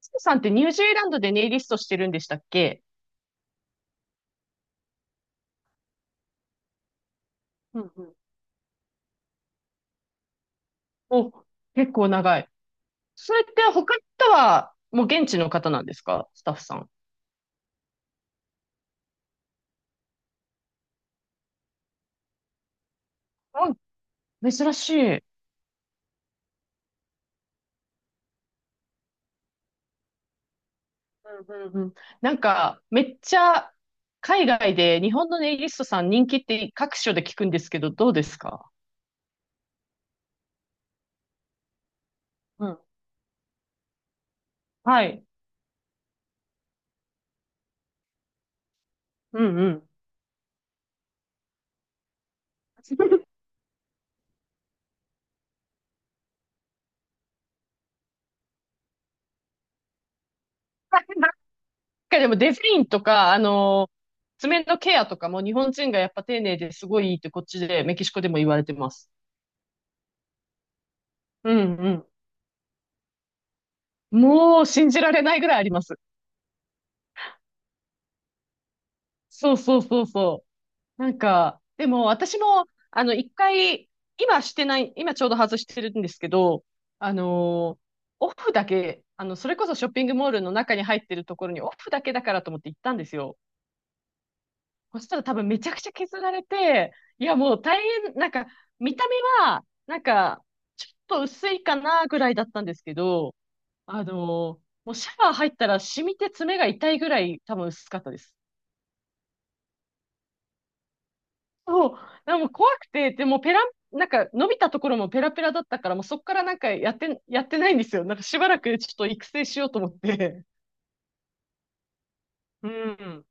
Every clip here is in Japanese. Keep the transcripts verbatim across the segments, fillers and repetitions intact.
スさんってニュージーランドでネイリストしてるんでしたっけ？うんうん。お、結構長い。それって他の人はもう現地の方なんですか、スタッフさん？うん、珍しい。うんうんうん。なんか、めっちゃ海外で日本のネイリストさん人気って各所で聞くんですけど、どうですか？うん。はい。うんうん。なんかでもデザインとか、あの爪のケアとかも日本人がやっぱ丁寧ですごいいいってこっちで、メキシコでも言われてます。うんうん、もう信じられないぐらいあります。そうそうそうそう。なんか、でも私も、あの、一回、今してない、今ちょうど外してるんですけど、あのーオフだけ、あの、それこそショッピングモールの中に入ってるところにオフだけだからと思って行ったんですよ。そしたら多分めちゃくちゃ削られて、いやもう大変、なんか、見た目は、なんか、ちょっと薄いかなぐらいだったんですけど、あのーもうシャワー入ったら染みて爪が痛いぐらい多分薄かったです。そう、でも怖くて、でもペラ、なんか伸びたところもペラペラだったから、もうそこからなんかやって、やってないんですよ。なんかしばらくちょっと育成しようと思って。うん。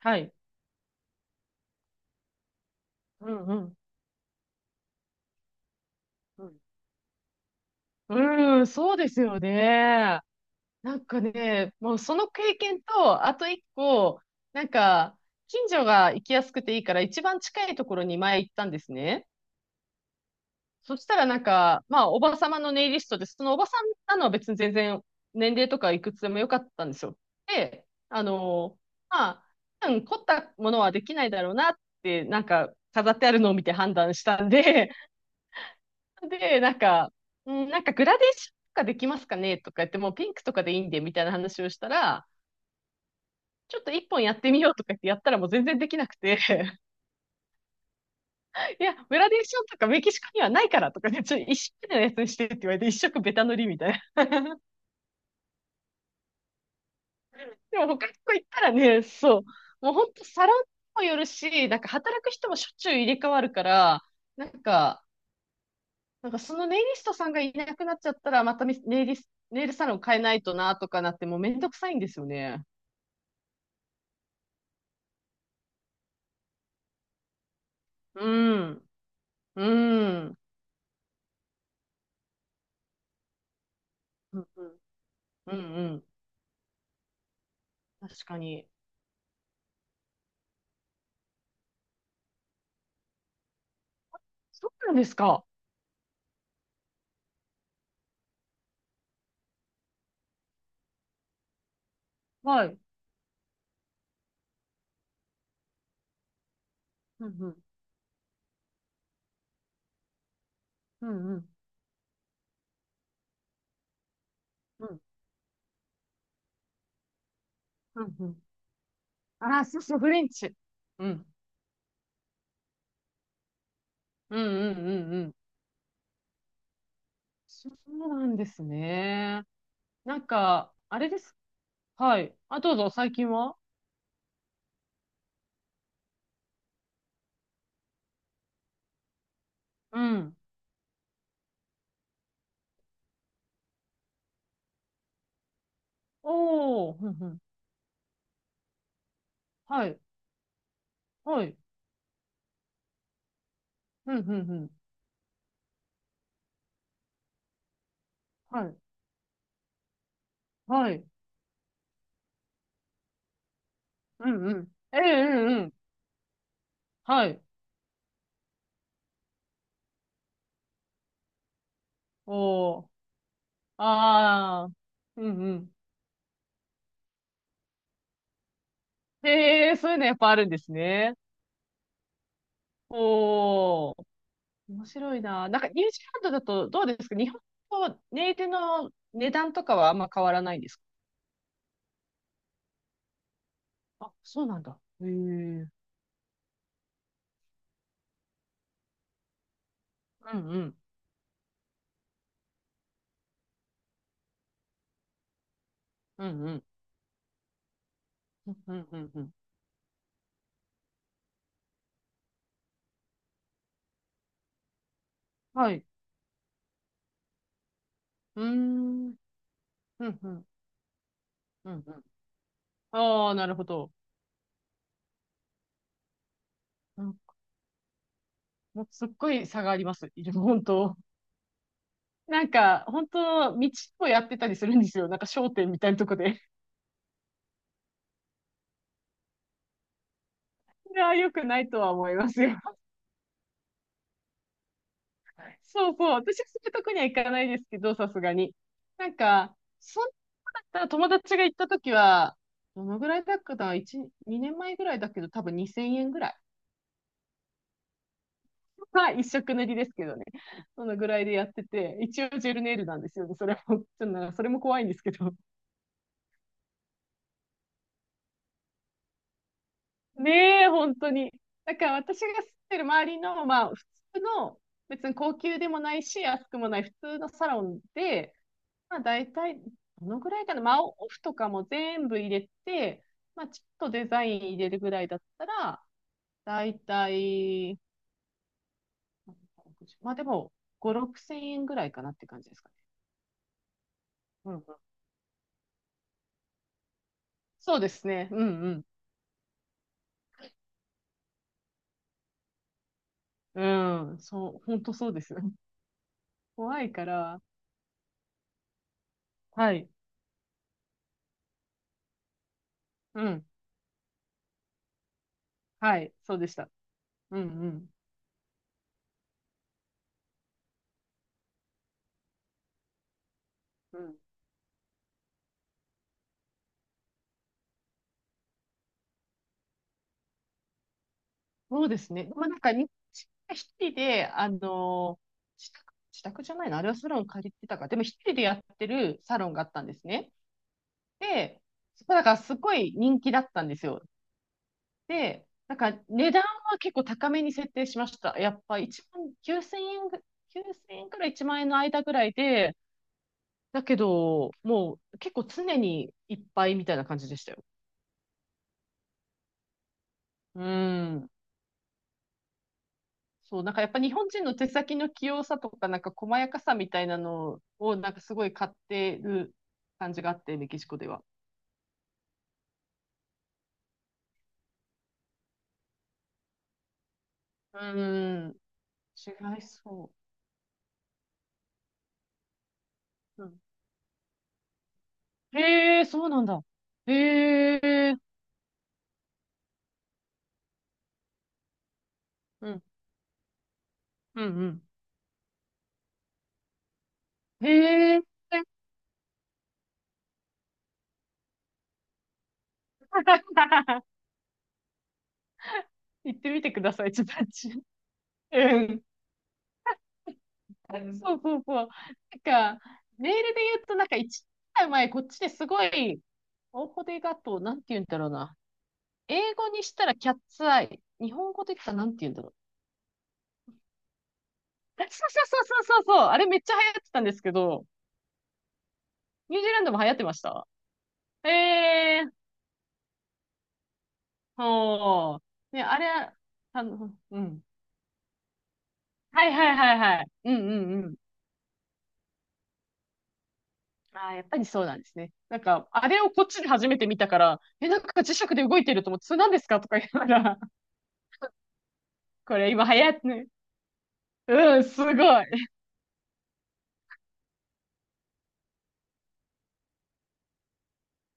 はい。うんうん。うん、うんそうですよね。なんかね、もうその経験と、あと一個、なんか、近所が行きやすくていいから、一番近いところに前行ったんですね。そしたらなんか、まあ、おばさまのネイリストで、そのおばさんなのは別に全然年齢とかいくつでもよかったんですよ。で、あのーまあ、多分凝ったものはできないだろうなって、なんか飾ってあるのを見て判断したんで、で、なんか、うん、なんかグラデーションとかできますかねとか言って、もうピンクとかでいいんで、みたいな話をしたら、ちょっと一本やってみようとか言ってやったらもう全然できなくて、いや、グラデーションとかメキシコにはないからとかね、ちょっと一色のやつにしてって言われて、一色ベタ塗りみたいな。でも他の子行ったらね、そう。もう本当サロンにもよるし、なんか働く人もしょっちゅう入れ替わるから、なんか、なんかそのネイリストさんがいなくなっちゃったら、またネイリス、ネイルサロン変えないとなとかなって、もうめんどくさいんですよね。うん。うん。うんうん。うんうん。確かに。そうなんですか？はい。うんうん。うんうん。うん。うんうん。ああ、そうそう、フレンチ。うん。うんうんうんうん。そうなんですね。なんか、あれです。はい。あ、どうぞ、最近は。うん。おー、ふんふん。はい。はい。ふんふんふん。はい。はい。うんうん。ええ、うんうん。はい。おー。あー。うんうん。へえ、そういうのやっぱあるんですね。おー。面白いな。なんか、ニュージーランドだとどうですか？日本とネイテの値段とかはあんま変わらないんですか？あ、そうなんだ。へえ。うんうん。うんうん。うんうんうんうん。はい。うーん。うん、うん、うん、うん。ああ、なるほど。うん、もうすっごい差があります。いる本当。なんか、本当、道をやってたりするんですよ。なんか商店みたいなとこで。いや、良くないとは思いますよ。そうそう。私はそういうとこには行かないですけど、さすがに。なんか、そんなだったら友達が行ったときは、どのぐらいだっけな？ いち、にねんまえぐらいだけど、多分にせんえんぐらい。は一色塗りですけどね。そのぐらいでやってて、一応ジェルネイルなんですよね。それも、ちょっとなんかそれも怖いんですけど。ねえ、本当に。だから私が住んでる周りの、まあ、普通の、別に高級でもないし、安くもない普通のサロンで、まあ、大体、どのぐらいかな、まあ、オフとかも全部入れて、まあ、ちょっとデザイン入れるぐらいだったら、大体、まあでも、ご、ろくせん円ぐらいかなって感じですかね。うんうん、そうですね。うんうんうん、そう、本当そうです。怖いから、はい、うん、はい、そうでした。うん、うん、うん。そうですね。まあ、なんか、に一人で、あの自宅、自宅じゃないのあれはサロン借りてたか。でも一人でやってるサロンがあったんですね。で、そこだからすごい人気だったんですよ。で、なんか値段は結構高めに設定しました。やっぱ1万9 0円ぐ、きゅうせんえんからいちまん円の間ぐらいで、だけど、もう結構常にいっぱいみたいな感じでしたよ。うん。そう、なんかやっぱ日本人の手先の器用さとか、なんか細やかさみたいなのを、なんかすごい買ってる感じがあって、メキシコでは。うん。違いそう。うん、へえ、そうなんだ。へえ、うん、うん、うん。へえ。行ってみてください、ちょっと。うん。そうそうそう。なんか、メールで言うと、なんか一年前、こっちですごい、大ーデがと、なんて言うんだろうな。英語にしたらキャッツアイ。日本語で言ったらなんて言うんだろう。そうそうそうそうそうそう。あれめっちゃ流行ってたんですけど、ニュージーランドも流行ってました。ええー、ほう。ね、あれ、あの、うん。はいはいはいはい。うんうんうん。ああ、やっぱりそうなんですね。なんか、あれをこっちで初めて見たから、え、なんか磁石で動いてると思って、それ何ですかとか言いながら。これ今流行ってる。うん、すごい。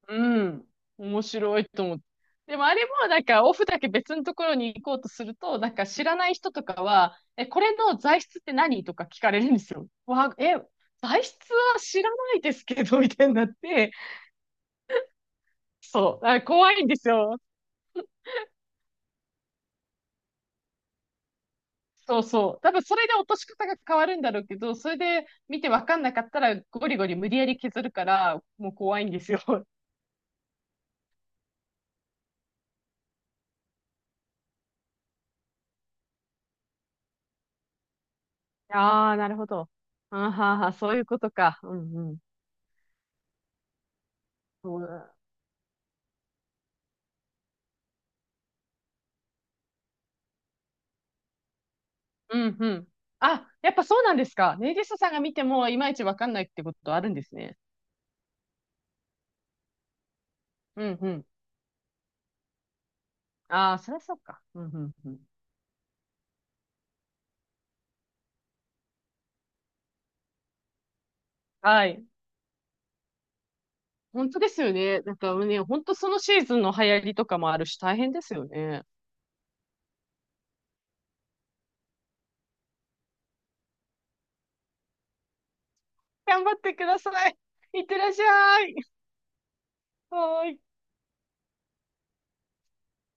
うん。面白いと思って。でもあれもなんかオフだけ別のところに行こうとすると、なんか知らない人とかは、え、これの材質って何とか聞かれるんですよ。わ、え、材質は知らないですけど、みたいになって、そう、あ、怖いんですよ。そうそう。多分それで落とし方が変わるんだろうけど、それで見てわかんなかったらゴリゴリ無理やり削るから、もう怖いんですよ。ああ、なるほど。あーはーはー、そういうことか。うんうん。そうだ。うんうん。あ、やっぱそうなんですか？ネイリストさんが見てもいまいちわかんないってことあるんですね。うんうん。ああ、そりゃそうか。うんうんうん。はい。本当ですよね。なんかね、本当そのシーズンの流行りとかもあるし大変ですよね。頑張ってください。いってらっしゃい。はーい。